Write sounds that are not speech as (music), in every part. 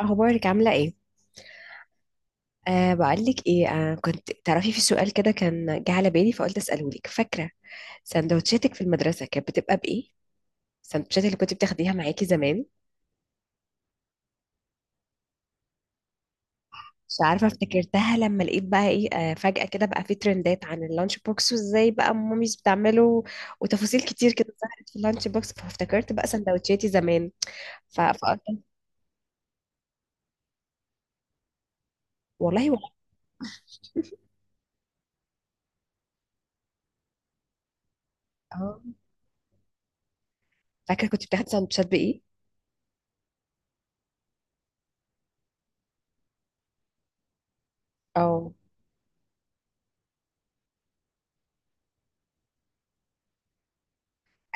اخبارك عامله ايه؟ بقولك ايه، كنت تعرفي في سؤال كده كان جه على بالي فقلت اساله لك. فاكره سندوتشاتك في المدرسه كانت بتبقى بايه؟ السندوتشات اللي كنت بتاخديها معاكي زمان؟ مش عارفه، افتكرتها لما لقيت بقى ايه فجاه كده بقى في ترندات عن اللانش بوكس وازاي بقى ماميز بتعمله، وتفاصيل كتير كده ظهرت في اللانش بوكس، فافتكرت بقى سندوتشاتي زمان. فقلت والله ولا. اه، فاكره كنت بتاخدي سندوتشات بايه؟ اه،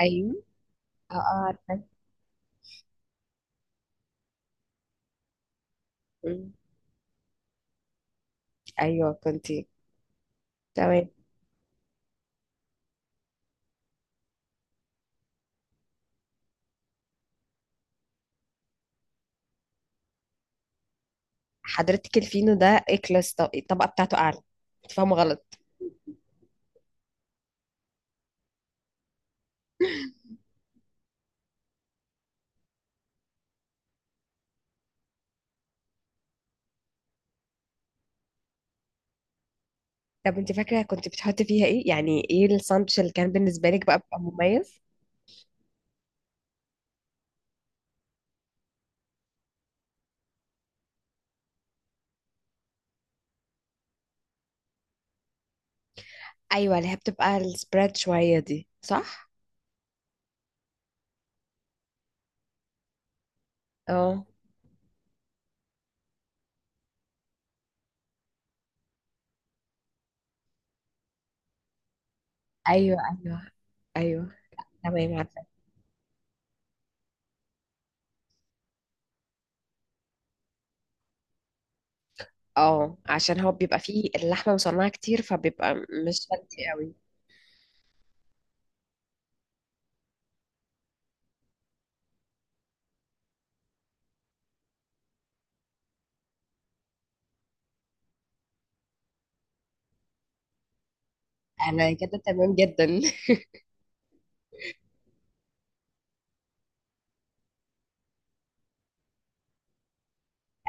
ايوه. اه، عارفه. أمم، ايوه، كنتي. تمام. حضرتك الفينو ده اكلس، الطبقه بتاعته اعلى، انت فاهمه غلط. طب انت فاكره كنت بتحطي فيها ايه؟ يعني ايه الساندوتش اللي كان بالنسبه لك بقى بيبقى مميز؟ ايوه، اللي هي بتبقى السبريد شويه دي، صح؟ اه، ايوه، ايوه، ايوه. تمام، عارفه. اه، عشان هو بيبقى فيه اللحمه مصنعه كتير، فبيبقى مش فانسي قوي. انا كده تمام جدا. (laughs)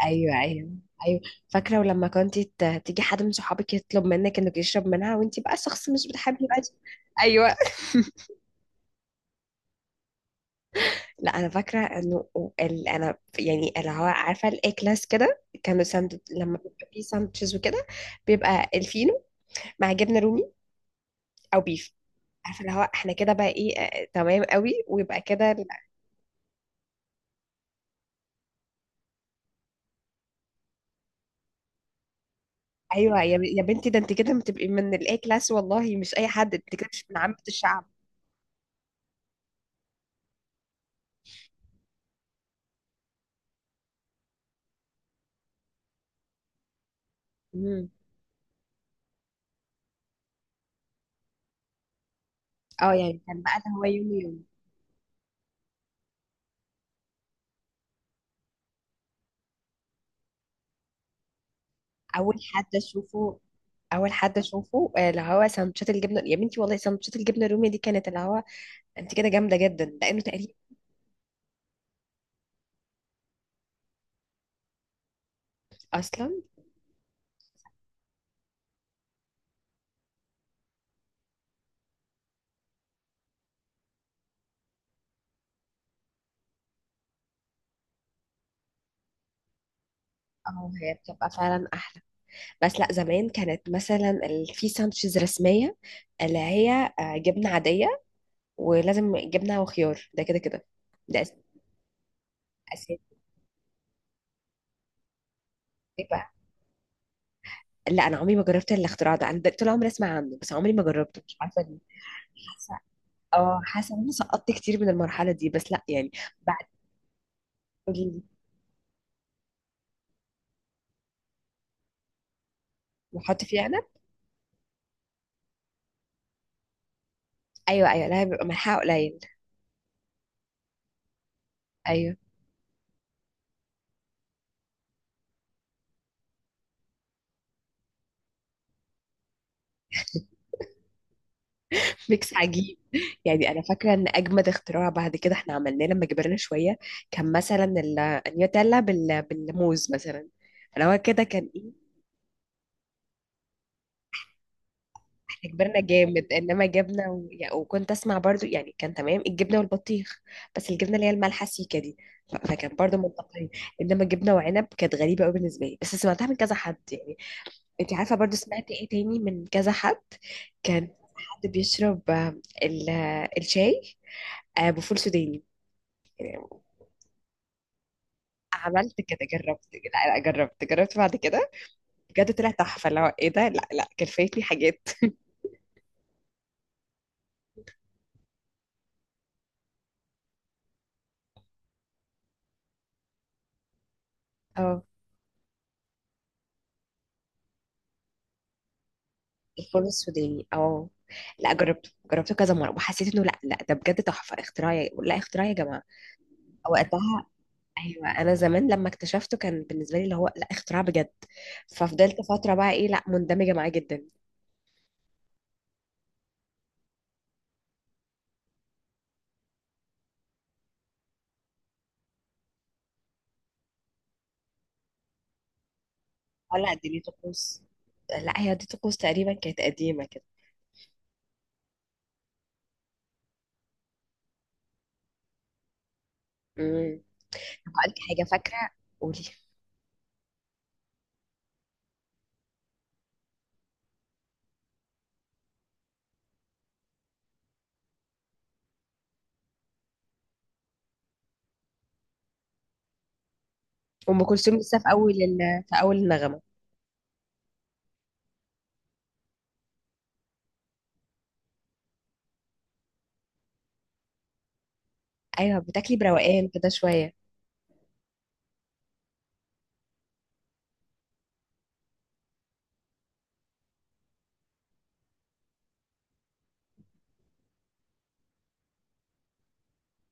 ايوه، ايوه، ايوه. فاكره ولما كنت تيجي حد من صحابك يطلب منك انك يشرب منها وانت بقى شخص مش بتحبي بقى. ايوه. لا انا فاكره انه انا يعني اللي هو عارفه الاي كلاس كده، كانوا ساند لما بيبقى فيه ساندوتشز وكده، بيبقى الفينو مع جبنه رومي او بيف. عارفه اللي هو احنا كده بقى ايه، تمام قوي، ويبقى كده ايوه. يا بنتي، ده انت كده بتبقي من الاي كلاس والله، مش اي حد، انت كده مش من عامه الشعب. مم. اه يعني كان بقى اللي هو يوم يوم. اول حد اشوفه، اول حد اشوفه اللي هو سندوتشات الجبنه. يا بنتي والله سندوتشات الجبنه الرومي دي كانت اللي هو، انت كده جامده جدا، لانه تقريبا اصلا. اه، هي بتبقى فعلا احلى، بس لا زمان كانت مثلا في ساندوتشز رسميه اللي هي جبنه عاديه، ولازم جبنه وخيار، ده كده كده. ده أس- اساسي. إيه بقى؟ لا انا عمري ما جربت الاختراع ده، انا طول عمري اسمع عنه بس عمري ما جربته، مش عارفه ليه. حاسه، اه حاسه ان انا سقطت كتير من المرحله دي، بس لا يعني. بعد، قولي لي. وحط فيه عنب؟ ايوه، ايوه، لا بيبقى ملحها قليل. ايوه. ميكس عجيب. يعني انا فاكره ان اجمد اختراع بعد كده احنا عملناه لما كبرنا شويه، كان مثلا النيوتيلا بالموز مثلا. انا هو كده كان ايه. احنا كبرنا جامد. انما جبنه و... يعني وكنت اسمع برضو يعني كان تمام الجبنه والبطيخ، بس الجبنه اللي هي المالحه سيكه دي، فكان برضو منطقي. انما جبنه وعنب كانت غريبه قوي بالنسبه لي، بس سمعتها من كذا حد يعني. انت عارفه برضو سمعت ايه تاني من كذا حد؟ كان حد بيشرب الشاي بفول سوداني. عملت كده، جربت، لا لا جربت، جربت بعد كده، بجد طلع تحفة اللي هو ايه ده، لا لا كان فايتني حاجات. اه، الفول السوداني. اه، لا جربته، جربته كذا مرة وحسيت انه لا لا ده بجد تحفة اختراع لا اختراع يا جماعة وقتها. ايوه، انا زمان لما اكتشفته كان بالنسبة لي اللي هو لا اختراع بجد، ففضلت فترة بقى ايه لا مندمجة معاه جدا. اه، لا دي ليه طقوس، لا هي دي طقوس تقريبا كانت قديمة كده. امم. هقولك حاجة فاكرة، قولي. أم كلثوم لسه في أول في أول النغمة. ايوه، بتاكلي بروقان كده شويه.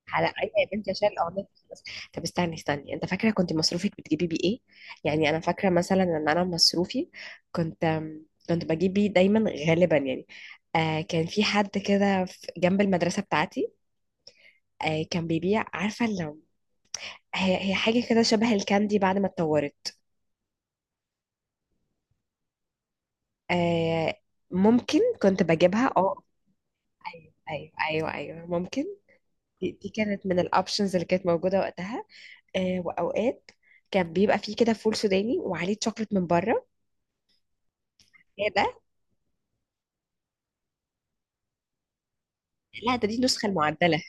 على، ايوه يا بنتي عشان الاغنيه تخلص. طب استني استني، انت فاكره كنت مصروفك بتجيبي بيه ايه؟ يعني انا فاكره مثلا ان انا مصروفي كنت كنت بجيب بيه دايما غالبا يعني. آه كان في حد كده جنب المدرسه بتاعتي، آه كان بيبيع، عارفه لو، هي هي حاجه كده شبه الكاندي بعد ما اتطورت. آه، ممكن كنت بجيبها، اه. ايوه، ايوه، ايوه، ايوه، ممكن. دي كانت من الاوبشنز اللي كانت موجوده وقتها. آه، واوقات كان بيبقى فيه كده فول سوداني وعليه شوكليت من بره. ايه ده؟ لا ده دي النسخه المعدله.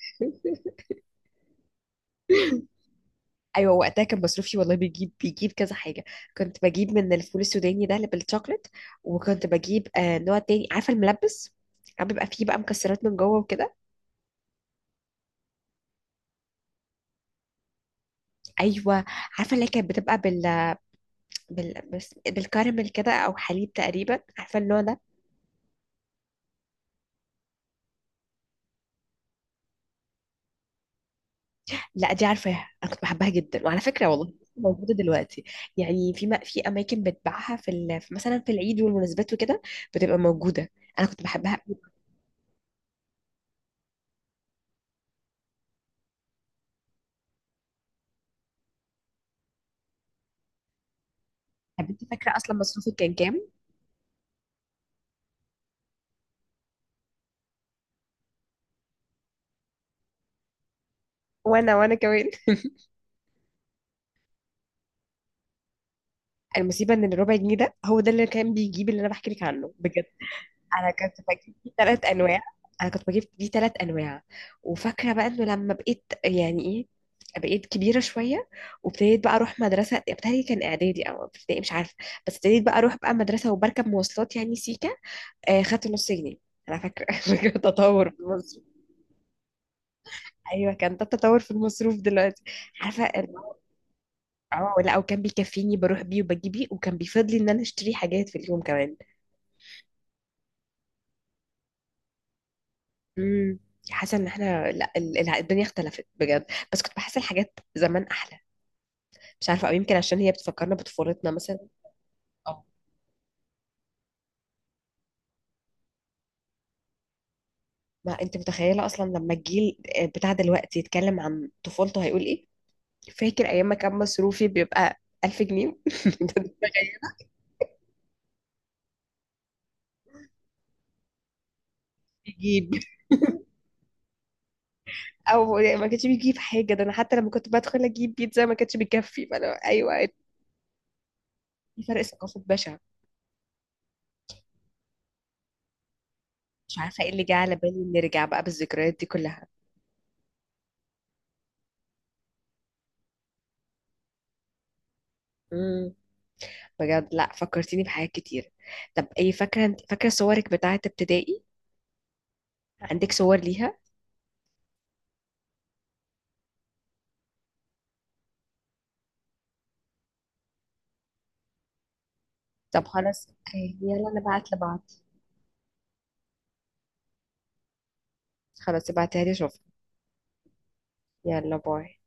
ايوه، وقتها كان مصروفي والله بيجيب كذا حاجه. كنت بجيب من الفول السوداني ده اللي بالشوكليت، وكنت بجيب آه نوع تاني، عارفه الملبس، عم بيبقى فيه بقى مكسرات من جوه وكده. ايوه عارفه، اللي هي كانت بتبقى بالكراميل كده او حليب تقريبا، عارفه النوع ده. لا دي عارفاها، انا كنت بحبها جدا، وعلى فكره والله موجوده دلوقتي. يعني في اماكن بتباعها في مثلا في العيد والمناسبات وكده بتبقى موجوده. انا كنت بحبها قوي. طب انت فاكره اصلا مصروفي كان كام؟ وانا، وانا كمان. المصيبه ان الربع جنيه ده هو ده اللي كان بيجيب اللي انا بحكي لك عنه بجد. انا كنت بجيب دي ثلاث انواع. انا كنت بجيب دي ثلاث انواع. وفاكره بقى انه لما بقيت يعني ايه، بقيت كبيره شويه، وابتديت بقى اروح مدرسه ابتدائي، كان اعدادي او ابتدائي مش عارفه، بس ابتديت بقى اروح بقى مدرسه وبركب مواصلات يعني سيكه، آه خدت نص جنيه انا فاكره. (laughs) فاكره تطور في المصروف. ايوه كان ده التطور في المصروف دلوقتي. عارفه اه، لا وكان بيكفيني، بروح بيه وبجيب بيه، وكان بيفضلي ان انا اشتري حاجات في اليوم كمان. امم. حاسه ان احنا لا، الدنيا اختلفت بجد. بس كنت بحس الحاجات زمان احلى، مش عارفه، او يمكن عشان هي بتفكرنا بطفولتنا مثلا. اه، ما انت متخيله اصلا لما الجيل بتاع دلوقتي يتكلم عن طفولته هيقول ايه. فاكر ايام ما كان مصروفي بيبقى 1000 جنيه (laughs) ده. تخيل. بيجيب او ما كانش بيجيب حاجه، ده انا حتى لما كنت بدخل اجيب بيتزا ما كانش بيكفي، فانا ايوه، في فرق ثقافه بشع. مش عارفه ايه اللي جه على بالي نرجع بقى بالذكريات دي كلها، بجد لا فكرتيني بحاجات كتير. طب ايه، فاكره انت فاكره صورك بتاعه ابتدائي؟ عندك صور ليها؟ طب خلاص يلا نبعت لبعض. خلاص ابعتها لي اشوفها. يلا باي.